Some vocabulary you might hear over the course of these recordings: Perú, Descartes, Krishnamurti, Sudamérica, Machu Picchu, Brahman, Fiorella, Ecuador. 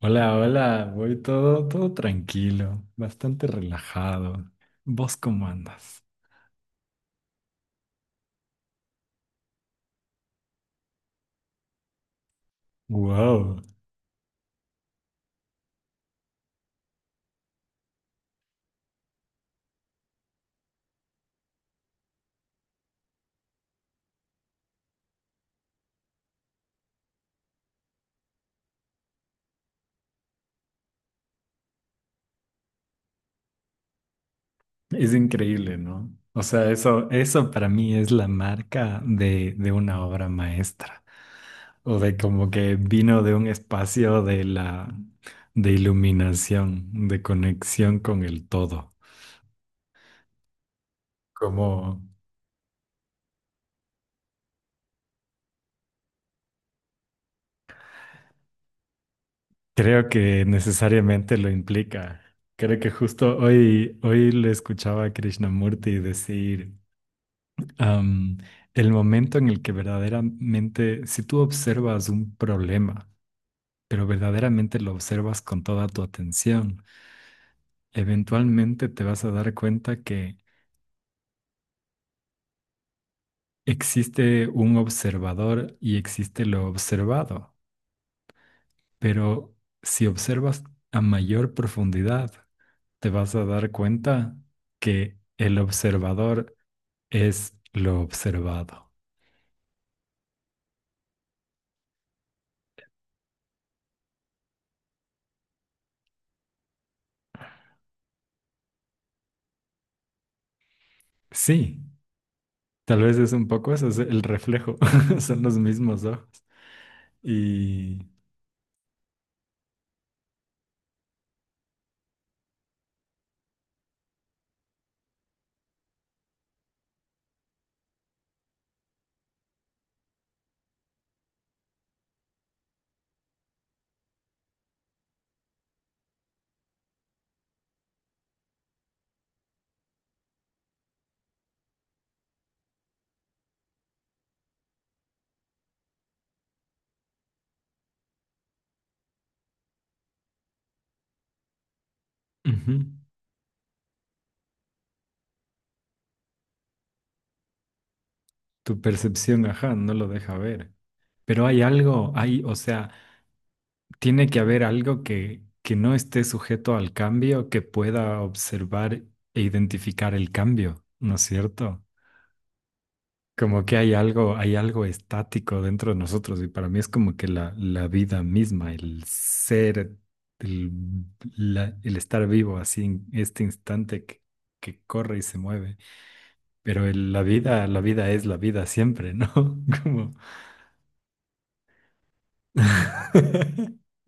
Hola, hola, voy todo tranquilo, bastante relajado. ¿Vos cómo andas? Wow, es increíble, ¿no? O sea, eso para mí es la marca de una obra maestra. O de como que vino de un espacio de de iluminación, de conexión con el todo. Como creo que necesariamente lo implica. Creo que justo hoy le escuchaba a Krishnamurti decir. Am, el momento en el que verdaderamente, si tú observas un problema, pero verdaderamente lo observas con toda tu atención, eventualmente te vas a dar cuenta que existe un observador y existe lo observado. Pero si observas a mayor profundidad, te vas a dar cuenta que el observador es lo observado. Sí, tal vez es un poco eso, es el reflejo, son los mismos ojos. Y ujú, tu percepción, ajá, no lo deja ver. Pero hay algo, hay, o sea, tiene que haber algo que, no esté sujeto al cambio, que pueda observar e identificar el cambio, ¿no es cierto? Como que hay algo estático dentro de nosotros y para mí es como que la vida misma, el ser, el, el estar vivo así en este instante que corre y se mueve. Pero la vida es la vida siempre, ¿no? Como...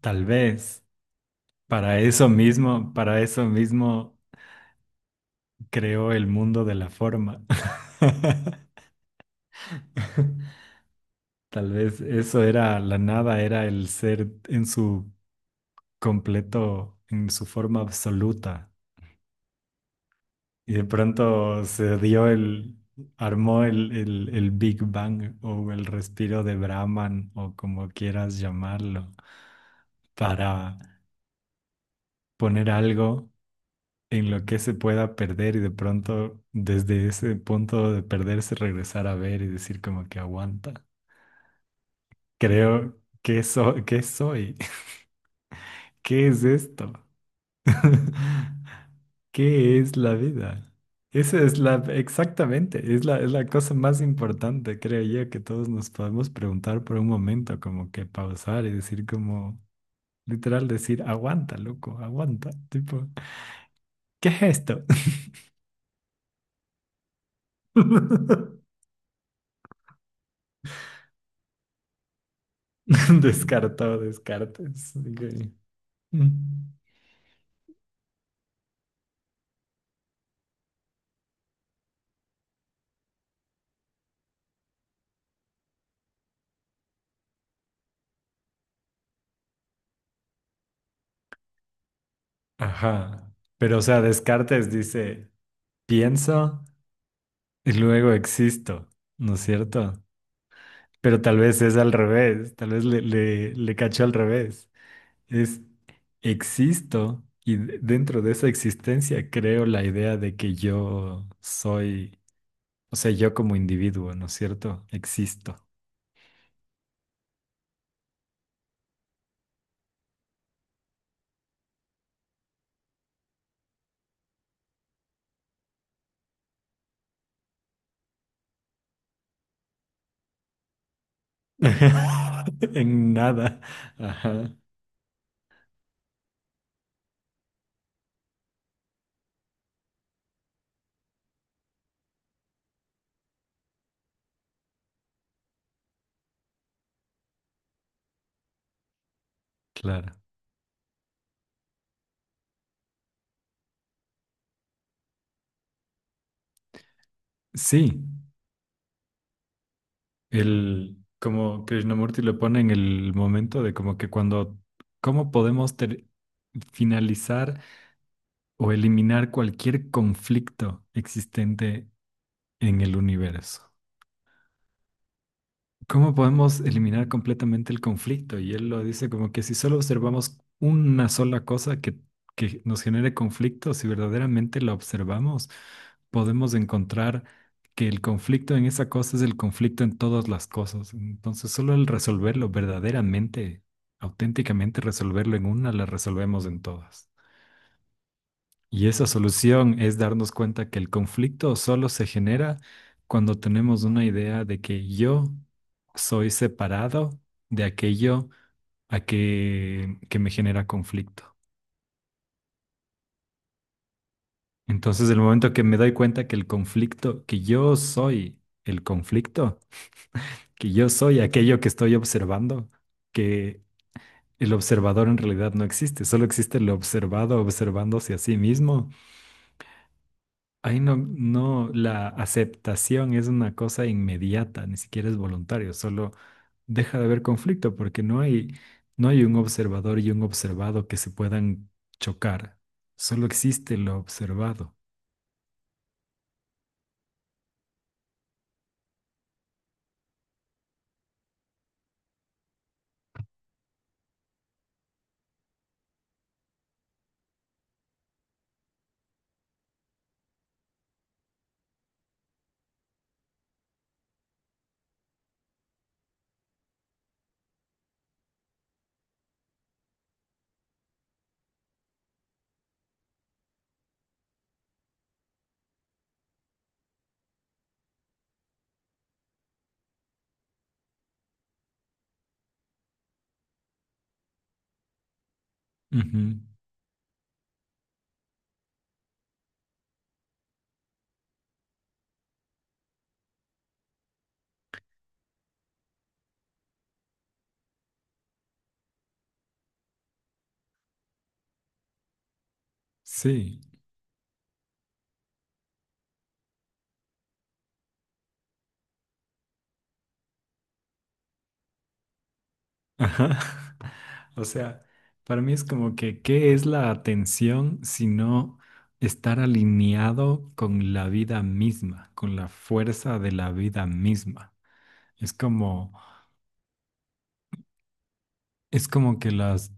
Tal vez para eso mismo creó el mundo de la forma. Tal vez eso era la nada, era el ser en su completo, en su forma absoluta. Y de pronto armó el Big Bang o el respiro de Brahman o como quieras llamarlo, para poner algo en lo que se pueda perder y de pronto desde ese punto de perderse regresar a ver y decir como que aguanta. ¿Qué soy? ¿Qué es esto? ¿Qué es la vida? Esa es la, exactamente, es la cosa más importante, creo yo, que todos nos podemos preguntar por un momento, como que pausar y decir como, literal decir, aguanta, loco, aguanta, tipo, ¿qué es esto? Descartado, Descartes. Ok. Mm. Ajá. Pero, o sea, Descartes dice, pienso y luego existo, ¿no es cierto? Pero tal vez es al revés, tal vez le cachó al revés. Es existo y dentro de esa existencia creo la idea de que yo soy, o sea, yo como individuo, ¿no es cierto? Existo. En nada. Ajá, claro. Sí, el, como Krishnamurti lo pone en el momento de como que cuando, ¿cómo podemos finalizar o eliminar cualquier conflicto existente en el universo? ¿Cómo podemos eliminar completamente el conflicto? Y él lo dice como que si solo observamos una sola cosa que nos genere conflicto, si verdaderamente la observamos, podemos encontrar que el conflicto en esa cosa es el conflicto en todas las cosas. Entonces, solo el resolverlo verdaderamente, auténticamente resolverlo en una, la resolvemos en todas. Y esa solución es darnos cuenta que el conflicto solo se genera cuando tenemos una idea de que yo soy separado de aquello que me genera conflicto. Entonces, el momento que me doy cuenta que el conflicto, que yo soy el conflicto, que yo soy aquello que estoy observando, que el observador en realidad no existe, solo existe el observado observándose a sí mismo. Ahí no, la aceptación es una cosa inmediata, ni siquiera es voluntario, solo deja de haber conflicto porque no hay, no hay un observador y un observado que se puedan chocar, solo existe lo observado. Ujú, sí, ajá. O sea, para mí es como que, ¿qué es la atención sino estar alineado con la vida misma, con la fuerza de la vida misma? Es como... Es como que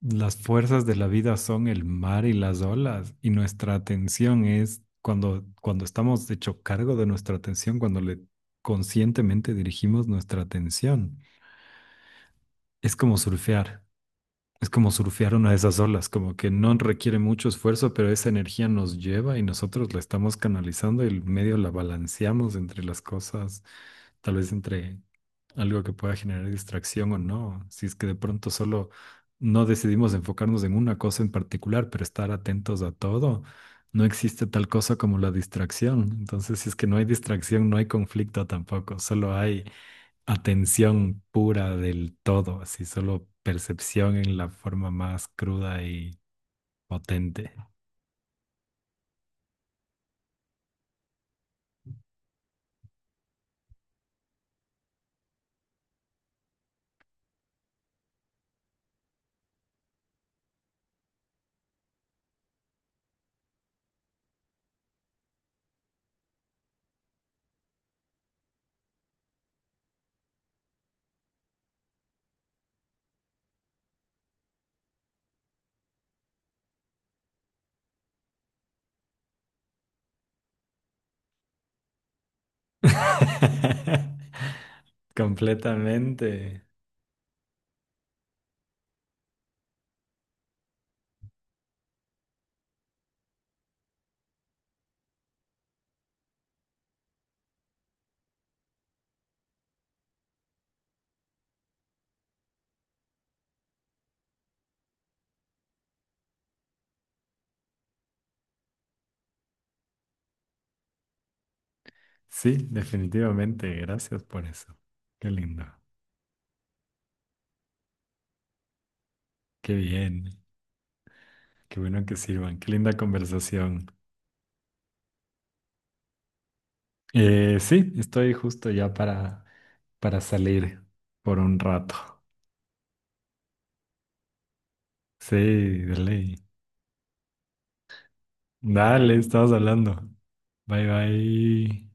las fuerzas de la vida son el mar y las olas, y nuestra atención es cuando, cuando estamos hecho cargo de nuestra atención, cuando le conscientemente dirigimos nuestra atención. Es como surfear. Es como surfear una de esas olas, como que no requiere mucho esfuerzo, pero esa energía nos lleva y nosotros la estamos canalizando y el medio la balanceamos entre las cosas, tal vez entre algo que pueda generar distracción o no. Si es que de pronto solo no decidimos enfocarnos en una cosa en particular, pero estar atentos a todo, no existe tal cosa como la distracción. Entonces, si es que no hay distracción, no hay conflicto tampoco, solo hay atención pura del todo, así solo percepción en la forma más cruda y potente. Completamente. Sí, definitivamente. Gracias por eso. Qué lindo. Qué bien. Qué bueno que sirvan. Qué linda conversación. Sí, estoy justo ya para salir por un rato. Sí, de ley. Dale, estamos hablando. Bye bye.